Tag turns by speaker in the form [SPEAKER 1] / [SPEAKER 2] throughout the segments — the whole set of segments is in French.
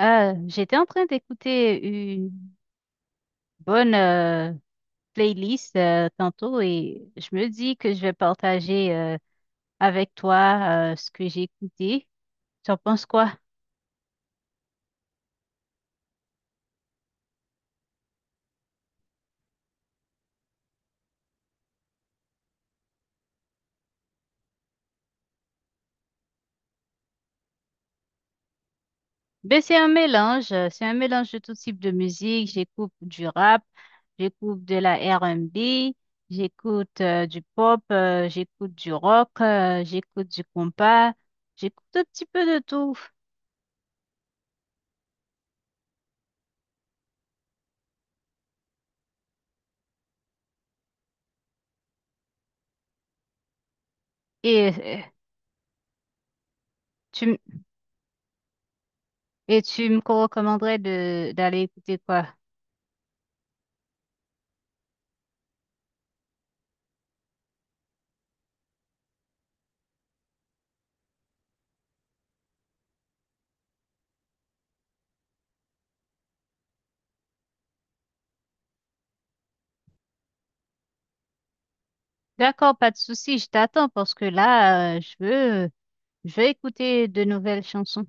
[SPEAKER 1] J'étais en train d'écouter une bonne playlist tantôt et je me dis que je vais partager avec toi ce que j'ai écouté. Tu en penses quoi? Ben, c'est un mélange de tout type de musique. J'écoute du rap, j'écoute de la R&B, j'écoute du pop, j'écoute du rock, j'écoute du compas, j'écoute un petit peu de tout. Et euh, tu, Et tu me recommanderais de d'aller écouter quoi? D'accord, pas de souci, je t'attends parce que là, je veux écouter de nouvelles chansons.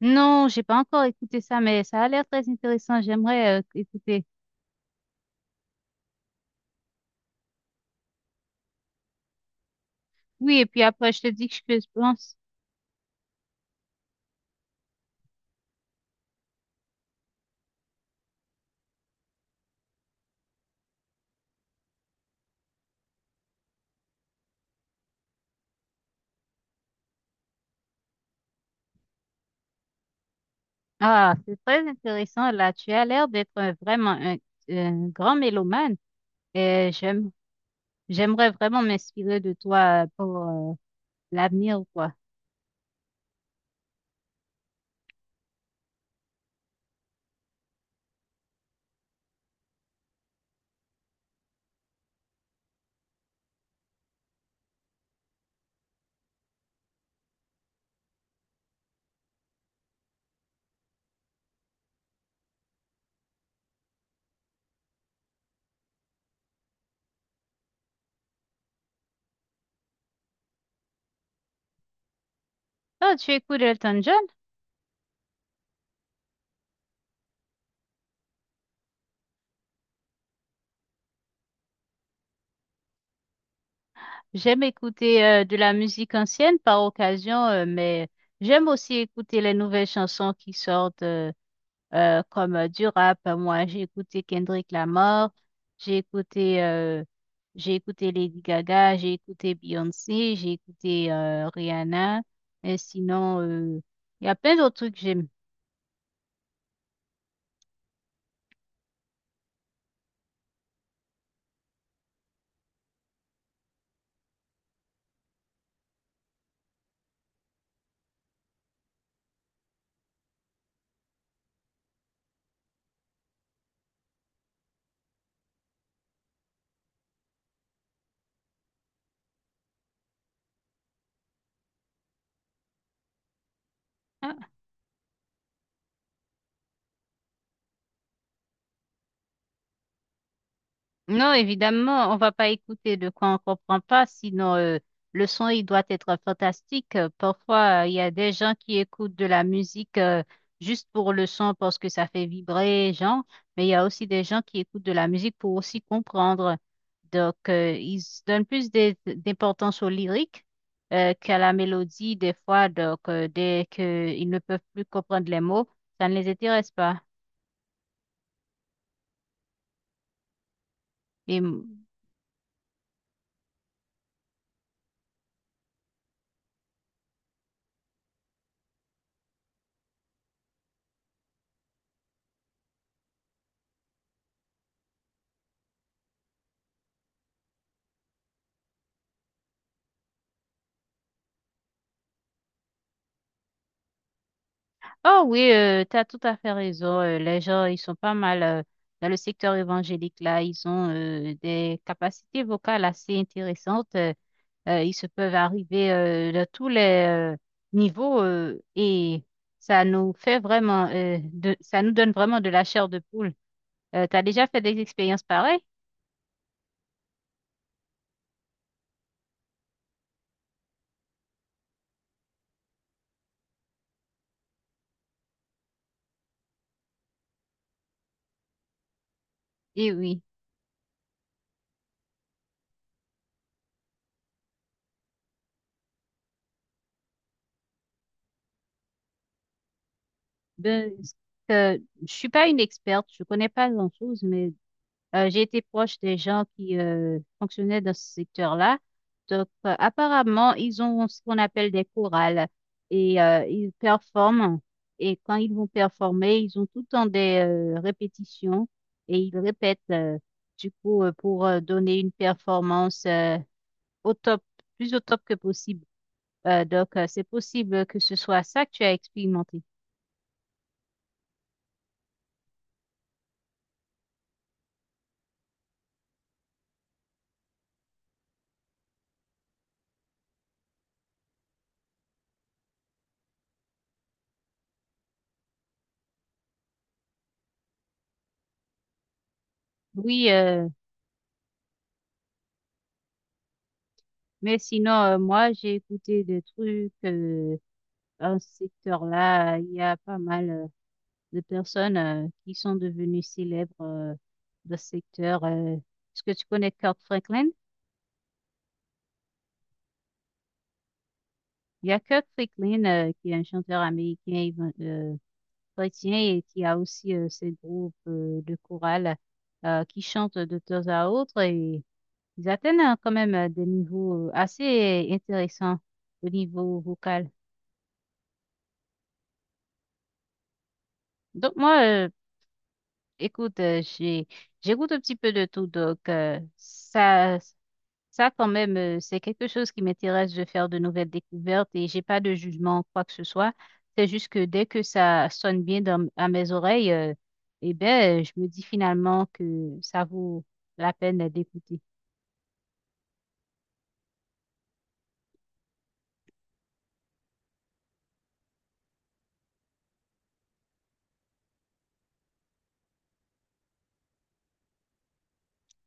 [SPEAKER 1] Non, j'ai pas encore écouté ça, mais ça a l'air très intéressant. J'aimerais écouter. Oui, et puis après, je te dis que je pense. Ah, c'est très intéressant. Là, tu as l'air d'être vraiment un grand mélomane. Et j'aimerais vraiment m'inspirer de toi pour euh, l'avenir, ou quoi. Ah, tu écoutes Elton John? J'aime écouter de la musique ancienne par occasion, mais j'aime aussi écouter les nouvelles chansons qui sortent comme du rap. Moi, j'ai écouté Kendrick Lamar, j'ai écouté, euh, j'ai écouté Lady Gaga, j'ai écouté Beyoncé, j'ai écouté Rihanna. Et sinon, il y a plein d'autres trucs que j'aime. Non, évidemment, on va pas écouter de quoi on comprend pas, sinon le son il doit être fantastique. Parfois, il y a des gens qui écoutent de la musique juste pour le son parce que ça fait vibrer, genre, mais il y a aussi des gens qui écoutent de la musique pour aussi comprendre. Donc, ils se donnent plus d'importance au lyrique qu'à la mélodie des fois. Donc, dès qu'ils ne peuvent plus comprendre les mots, ça ne les intéresse pas. Et Oh oui, tu as tout à fait raison. Les gens, ils sont pas mal dans le secteur évangélique là. Ils ont des capacités vocales assez intéressantes. Ils se peuvent arriver de tous les euh, niveaux et ça nous donne vraiment de la chair de poule. Tu as déjà fait des expériences pareilles? Eh oui. Ben, euh, je suis pas une experte, je connais pas grand-chose, mais j'ai été proche des gens qui fonctionnaient dans ce secteur-là. Donc, apparemment, ils ont ce qu'on appelle des chorales et ils performent. Et quand ils vont performer, ils ont tout le temps des répétitions et ils répètent du coup pour donner une performance au top, plus au top que possible. Donc, c'est possible que ce soit ça que tu as expérimenté. Oui. Mais sinon, moi, j'ai écouté des trucs dans ce secteur-là. Il y a pas mal de personnes qui sont devenues célèbres dans ce secteur. Est-ce que tu connais Kirk Franklin? Il y a Kirk Franklin qui est un chanteur américain chrétien et qui a aussi ses groupes de chorale qui chantent de temps à autre et ils atteignent quand même des niveaux assez intéressants au niveau vocal. Donc moi, écoute, j'écoute un petit peu de tout, donc ça quand même, c'est quelque chose qui m'intéresse de faire de nouvelles découvertes et j'ai pas de jugement, quoi que ce soit. C'est juste que dès que ça sonne bien à mes oreilles, eh ben, je me dis finalement que ça vaut la peine d'écouter.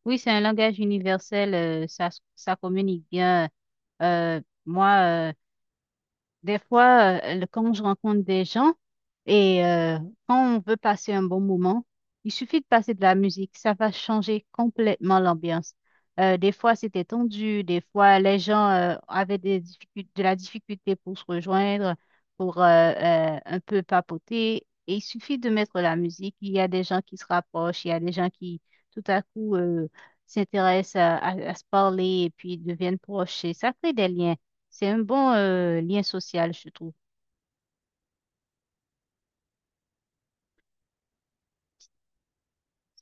[SPEAKER 1] Oui, c'est un langage universel, ça communique bien. Euh, moi, euh, Des fois, quand je rencontre des gens et quand on veut passer un bon moment, il suffit de passer de la musique, ça va changer complètement l'ambiance. Des fois, c'était tendu, des fois, les gens avaient des de la difficulté pour se rejoindre, pour un peu papoter. Et il suffit de mettre la musique. Il y a des gens qui se rapprochent, il y a des gens qui, tout à coup, s'intéressent à se parler et puis deviennent proches. Et ça crée des liens. C'est un bon lien social, je trouve.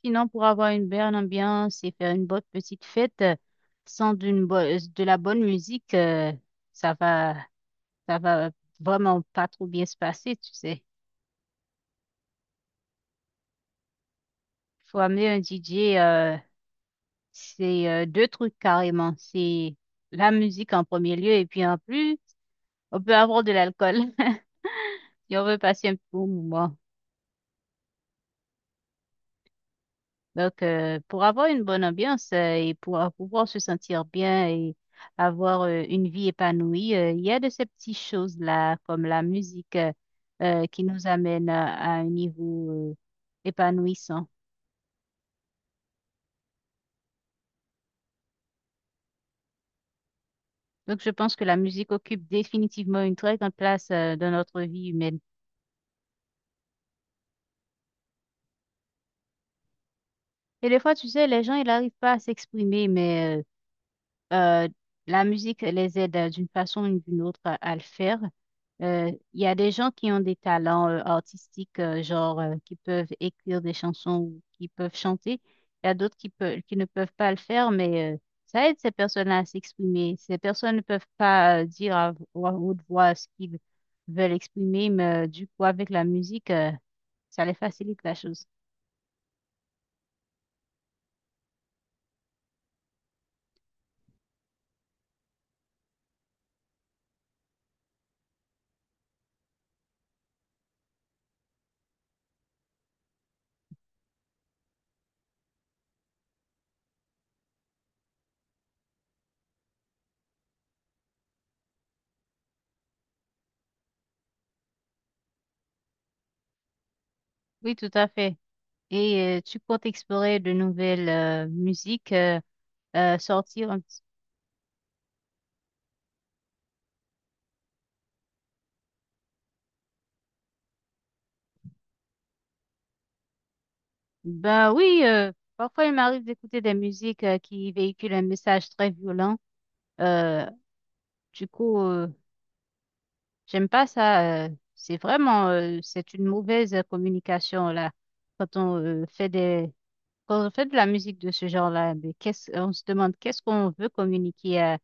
[SPEAKER 1] Sinon, pour avoir une bonne ambiance et faire une bonne petite fête sans de la bonne musique, ça va, ça va vraiment pas trop bien se passer, tu sais. Faut amener un DJ, c'est deux trucs carrément. C'est la musique en premier lieu et puis en plus, on peut avoir de l'alcool si on veut passer un bon moment. Donc, pour avoir une bonne ambiance et pour pouvoir se sentir bien et avoir une vie épanouie, il y a de ces petites choses-là, comme la musique, qui nous amène à un niveau épanouissant. Donc, je pense que la musique occupe définitivement une très grande place dans notre vie humaine. Et des fois, tu sais, les gens, ils n'arrivent pas à s'exprimer, mais Euh, la musique les aide d'une façon ou d'une autre à le faire. Il y a des gens qui ont des talents artistiques, genre qui peuvent écrire des chansons ou qui peuvent chanter. Il y a d'autres qui peuvent, qui ne peuvent pas le faire, mais ça aide ces personnes-là à s'exprimer. Ces personnes ne peuvent pas dire à haute voix ce qu'ils veulent exprimer, mais du coup, avec la musique, ça les facilite la chose. Oui, tout à fait. Et tu comptes explorer de nouvelles musiques. Sortir un petit. Ben oui, parfois il m'arrive d'écouter des musiques qui véhiculent un message très violent. Euh, du coup, j'aime pas ça. C'est une mauvaise communication là. Quand on euh, fait des, Quand on fait de la musique de ce genre-là, mais on se demande qu'est-ce qu'on veut communiquer à,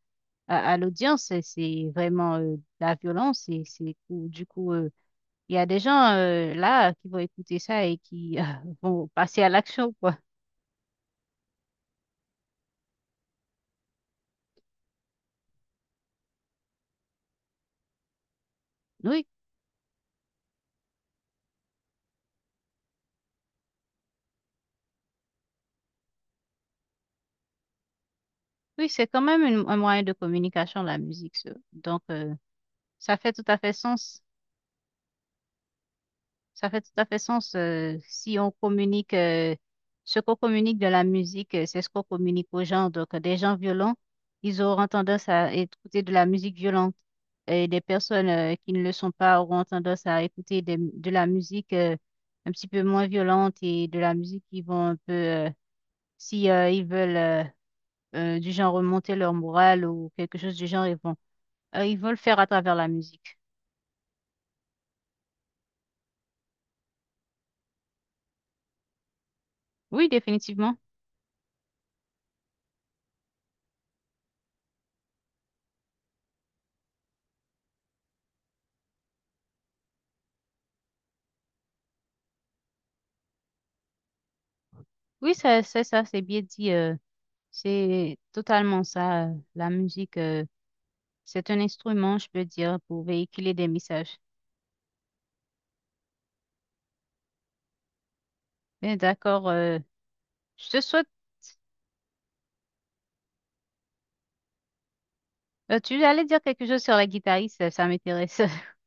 [SPEAKER 1] à, à l'audience. C'est vraiment de la violence du coup, il y a des gens là qui vont écouter ça et qui vont passer à l'action, quoi. Oui, Oui, c'est quand même un moyen de communication, la musique. Ça. Donc, ça fait tout à fait sens. Ça fait tout à fait sens si on communique, ce qu'on communique de la musique, c'est ce qu'on communique aux gens. Donc, des gens violents, ils auront tendance à écouter de la musique violente. Et des personnes qui ne le sont pas auront tendance à écouter de la musique un petit peu moins violente et de la musique qui vont un peu, si ils veulent du genre remonter leur morale ou quelque chose du genre, ils veulent faire à travers la musique. Oui, définitivement. Oui, c'est ça, c'est bien dit. C'est totalement ça. La musique, c'est un instrument, je peux dire, pour véhiculer des messages. Mais d'accord. Je te souhaite. Tu allais dire quelque chose sur la guitariste, ça m'intéresse.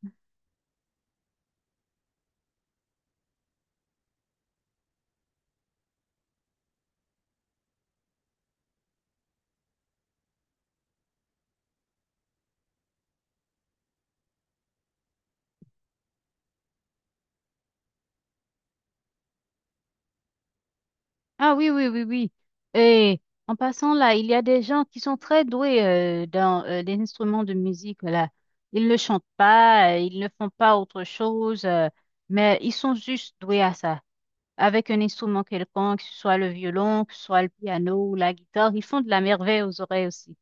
[SPEAKER 1] Ah oui, oui, oui, oui. Et en passant là, il y a des gens qui sont très doués dans les instruments de musique. Là. Ils ne chantent pas, ils ne font pas autre chose, mais ils sont juste doués à ça. Avec un instrument quelconque, que ce soit le violon, que ce soit le piano ou la guitare, ils font de la merveille aux oreilles aussi.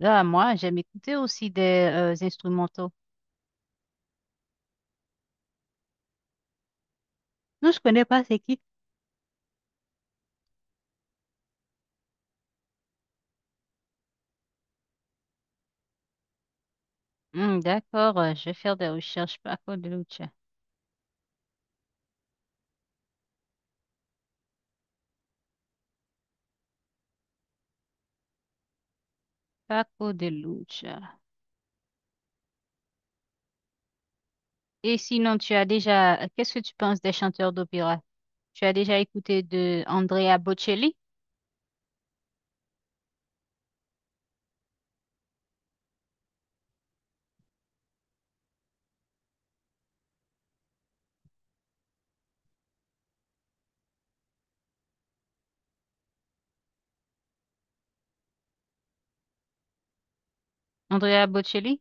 [SPEAKER 1] Là, moi, j'aime écouter aussi des instrumentaux. Non, je connais pas c'est qui. Hmm, d'accord, je vais faire des recherches. Paco de Lucia. Paco de Lucia. Et sinon, qu'est-ce que tu penses des chanteurs d'opéra? Tu as déjà écouté de Andrea Bocelli? Andrea Bocelli,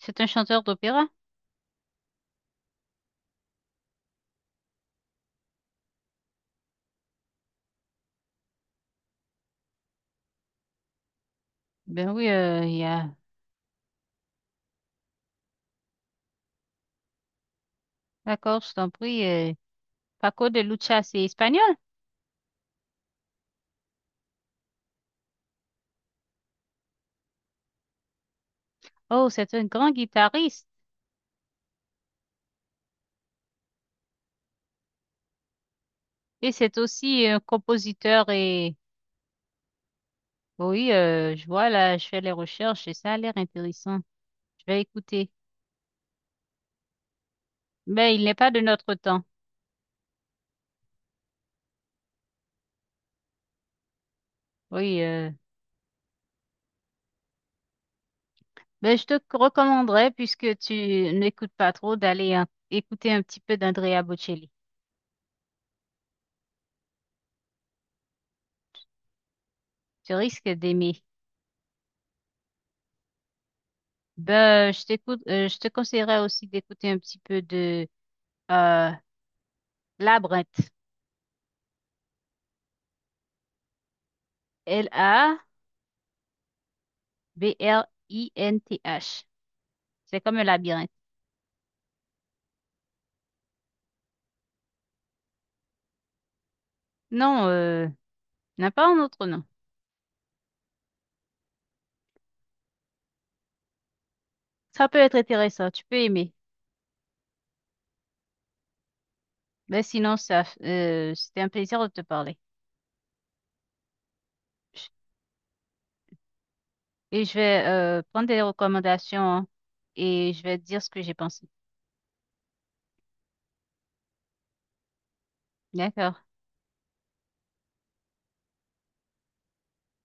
[SPEAKER 1] c'est un chanteur d'opéra? Ben oui, il y a. D'accord, je t'en prie. Paco de Lucia, c'est espagnol? Oh, c'est un grand guitariste et c'est aussi un compositeur et oui, je vois là, je fais les recherches et ça a l'air intéressant. Je vais écouter. Mais il n'est pas de notre temps. Oui, ben je te recommanderais puisque tu n'écoutes pas trop d'aller écouter un petit peu d'Andrea Bocelli. Tu risques d'aimer. Ben, je t'écoute, je te conseillerais aussi d'écouter un petit peu de euh, Labyrinthe. Labrinth. C'est comme un labyrinthe. Non. N'a pas un autre nom. Ça peut être intéressant, tu peux aimer. Mais sinon, c'était un plaisir de te parler. Et je vais prendre des recommandations hein, et je vais te dire ce que j'ai pensé. D'accord.